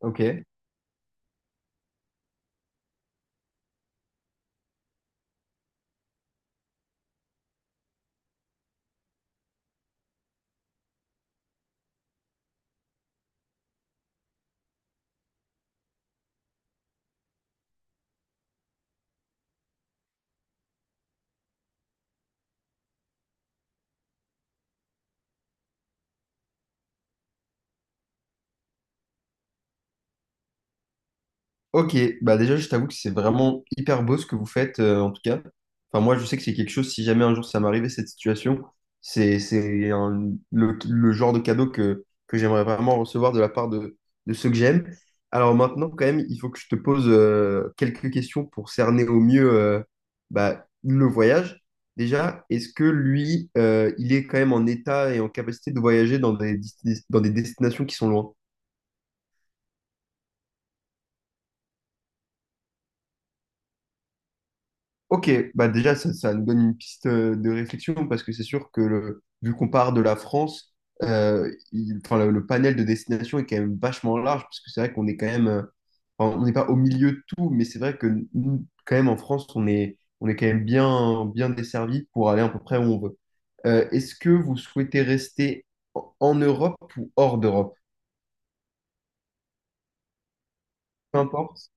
Ok, ok. Bah déjà, je t'avoue que c'est vraiment hyper beau ce que vous faites, en tout cas. Enfin, moi, je sais que c'est quelque chose, si jamais un jour ça m'arrivait, cette situation, le genre de cadeau que j'aimerais vraiment recevoir de la part de ceux que j'aime. Alors maintenant, quand même, il faut que je te pose quelques questions pour cerner au mieux bah, le voyage. Déjà, est-ce que lui, il est quand même en état et en capacité de voyager dans des destinations qui sont loin? Ok, bah déjà, ça nous donne une piste de réflexion parce que c'est sûr que vu qu'on part de la France, enfin, le panel de destinations est quand même vachement large parce que c'est vrai qu'on est quand même, enfin, on n'est pas au milieu de tout, mais c'est vrai que nous, quand même en France, on est quand même bien, bien desservi pour aller à peu près où on veut. Est-ce que vous souhaitez rester en Europe ou hors d'Europe? Peu importe.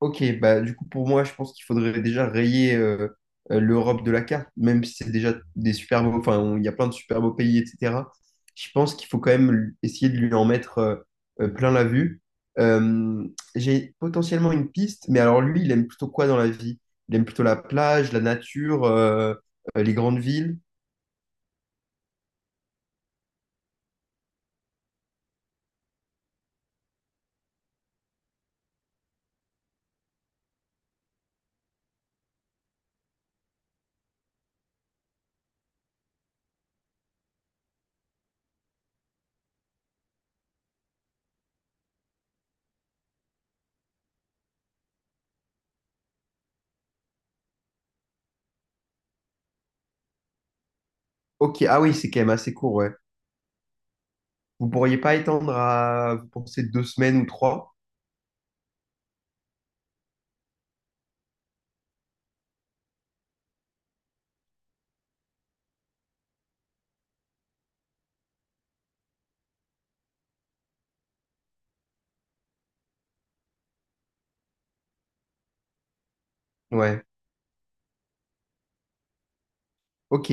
Ok, bah du coup pour moi je pense qu'il faudrait déjà rayer l'Europe de la carte, même si c'est déjà des super beaux, il y a plein de super beaux pays, etc. Je pense qu'il faut quand même essayer de lui en mettre plein la vue. Euh, j'ai potentiellement une piste, mais alors lui il aime plutôt quoi dans la vie? Il aime plutôt la plage, la nature, les grandes villes. Ok, ah oui c'est quand même assez court, ouais. Vous pourriez pas vous pensez deux semaines ou trois? Ouais. Ok,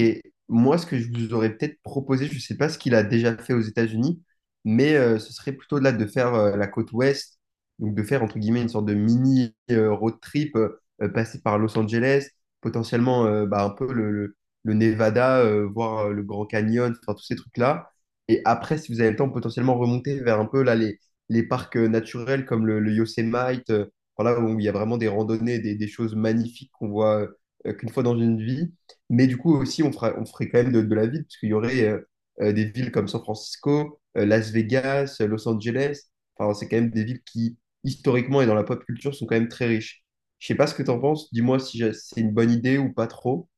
moi ce que je vous aurais peut-être proposé, je ne sais pas ce qu'il a déjà fait aux États-Unis, mais ce serait plutôt là de faire la côte ouest, donc de faire entre guillemets une sorte de mini road trip, passer par Los Angeles, potentiellement bah, un peu le Nevada, voir le Grand Canyon, enfin tous ces trucs-là. Et après, si vous avez le temps, potentiellement remonter vers un peu là les parcs naturels comme le Yosemite, voilà, où il y a vraiment des randonnées, des choses magnifiques qu'on voit qu'une fois dans une vie. Mais du coup, aussi, on ferait quand même de la ville, parce qu'il y aurait des villes comme San Francisco, Las Vegas, Los Angeles. Enfin, c'est quand même des villes qui, historiquement et dans la pop culture, sont quand même très riches. Je sais pas ce que tu en penses. Dis-moi si j'ai- c'est une bonne idée ou pas trop.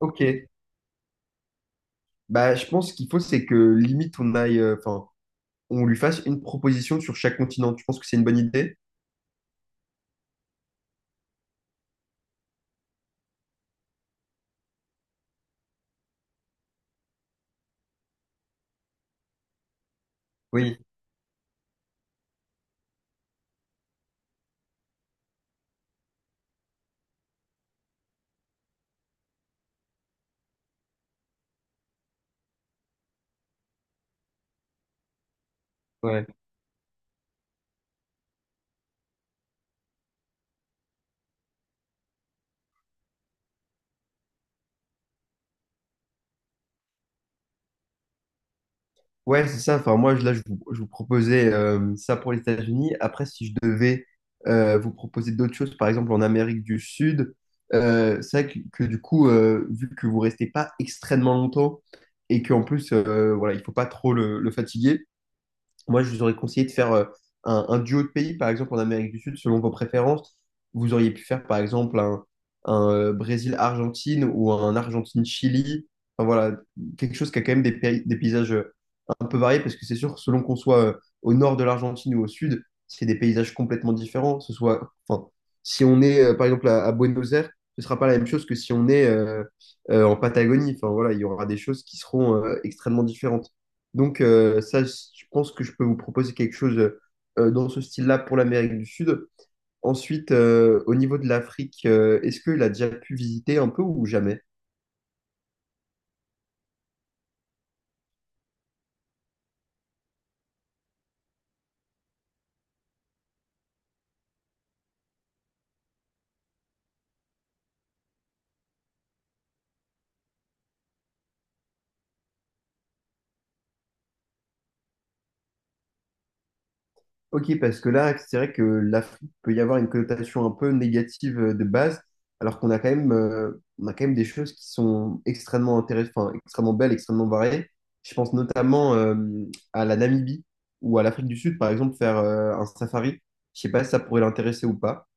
Ok. Bah, je pense qu'il faut, c'est que limite, on aille, enfin, on lui fasse une proposition sur chaque continent. Tu penses que c'est une bonne idée? Oui, ouais. Ouais, c'est ça. Enfin, là, je vous proposais ça pour les États-Unis. Après, si je devais vous proposer d'autres choses, par exemple en Amérique du Sud, c'est vrai que du coup, vu que vous restez pas extrêmement longtemps et qu'en plus, voilà, il faut pas trop le fatiguer, moi, je vous aurais conseillé de faire un duo de pays, par exemple en Amérique du Sud, selon vos préférences. Vous auriez pu faire, par exemple, Brésil-Argentine ou un Argentine-Chili. Enfin, voilà, quelque chose qui a quand même des paysages un peu variés, parce que c'est sûr, selon qu'on soit au nord de l'Argentine ou au sud, c'est des paysages complètement différents. Ce soit, enfin, si on est, par exemple, à Buenos Aires, ce sera pas la même chose que si on est en Patagonie. Enfin, voilà, il y aura des choses qui seront extrêmement différentes. Donc, ça, je pense que je peux vous proposer quelque chose dans ce style-là pour l'Amérique du Sud. Ensuite, au niveau de l'Afrique, est-ce qu'il a déjà pu visiter un peu ou jamais? Ok, parce que là, c'est vrai que l'Afrique peut y avoir une connotation un peu négative de base, alors qu'on a quand même, on a quand même des choses qui sont extrêmement intéressantes, enfin, extrêmement belles, extrêmement variées. Je pense notamment à la Namibie ou à l'Afrique du Sud, par exemple, faire un safari. Je sais pas si ça pourrait l'intéresser ou pas.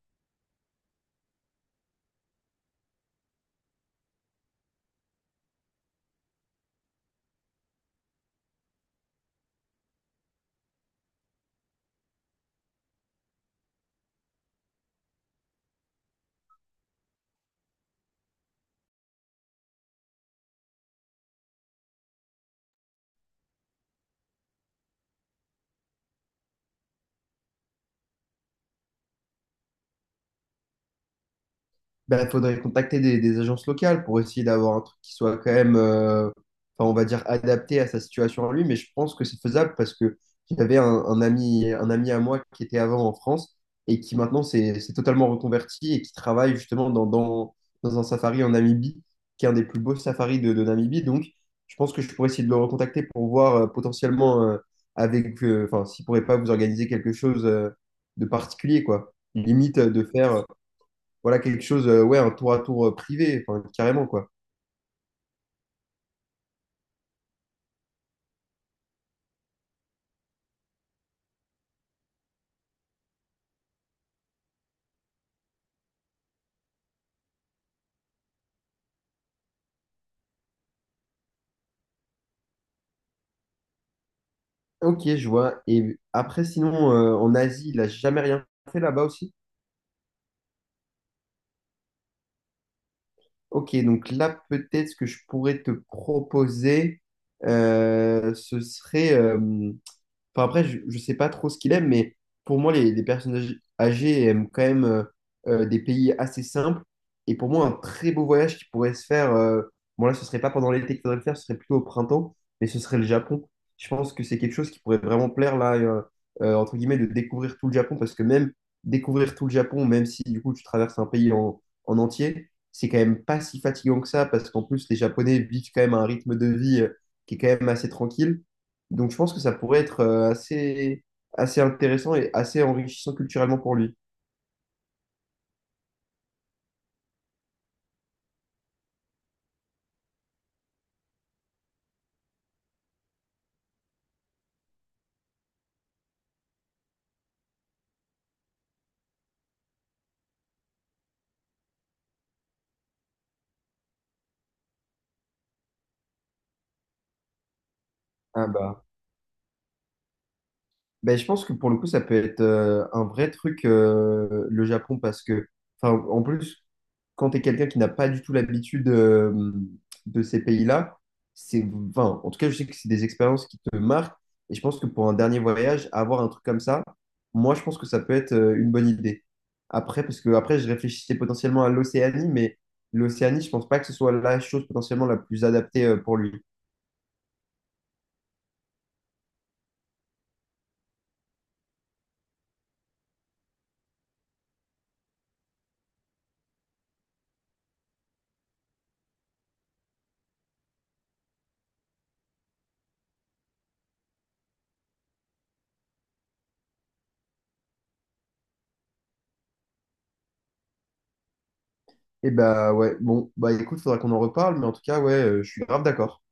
Ben, il faudrait contacter des agences locales pour essayer d'avoir un truc qui soit quand même, enfin, on va dire, adapté à sa situation à lui. Mais je pense que c'est faisable parce que j'avais un ami à moi qui était avant en France et qui maintenant s'est totalement reconverti et qui travaille justement dans un safari en Namibie, qui est un des plus beaux safaris de Namibie. Donc, je pense que je pourrais essayer de le recontacter pour voir potentiellement avec, enfin, s'il pourrait pas vous organiser quelque chose de particulier, quoi. Limite de faire voilà quelque chose, ouais, un tour privé, enfin, carrément, quoi. Ok, je vois. Et après, sinon, en Asie, il n'a jamais rien fait là-bas aussi. Ok, donc là, peut-être ce que je pourrais te proposer, ce serait, enfin, après, je sais pas trop ce qu'il aime, mais pour moi, les âgées aiment quand même des pays assez simples. Et pour moi, un très beau voyage qui pourrait se faire, bon là, ce serait pas pendant l'été qu'il faudrait le faire, ce serait plutôt au printemps, mais ce serait le Japon. Je pense que c'est quelque chose qui pourrait vraiment plaire, là, entre guillemets, de découvrir tout le Japon, parce que même découvrir tout le Japon, même si du coup tu traverses un pays en entier, c'est quand même pas si fatigant que ça, parce qu'en plus, les Japonais vivent quand même un rythme de vie qui est quand même assez tranquille. Donc, je pense que ça pourrait être assez intéressant et assez enrichissant culturellement pour lui. Ah bah. Ben, je pense que pour le coup, ça peut être un vrai truc, le Japon, parce que, enfin, en plus, quand tu es quelqu'un qui n'a pas du tout l'habitude de ces pays-là, c'est, enfin, en tout cas, je sais que c'est des expériences qui te marquent. Et je pense que pour un dernier voyage, avoir un truc comme ça, moi, je pense que ça peut être une bonne idée. Après, parce que après, je réfléchissais potentiellement à l'Océanie, mais l'Océanie, je pense pas que ce soit la chose potentiellement la plus adaptée pour lui. Et bah ouais, bon, bah écoute, faudra qu'on en reparle, mais en tout cas, ouais, je suis grave d'accord.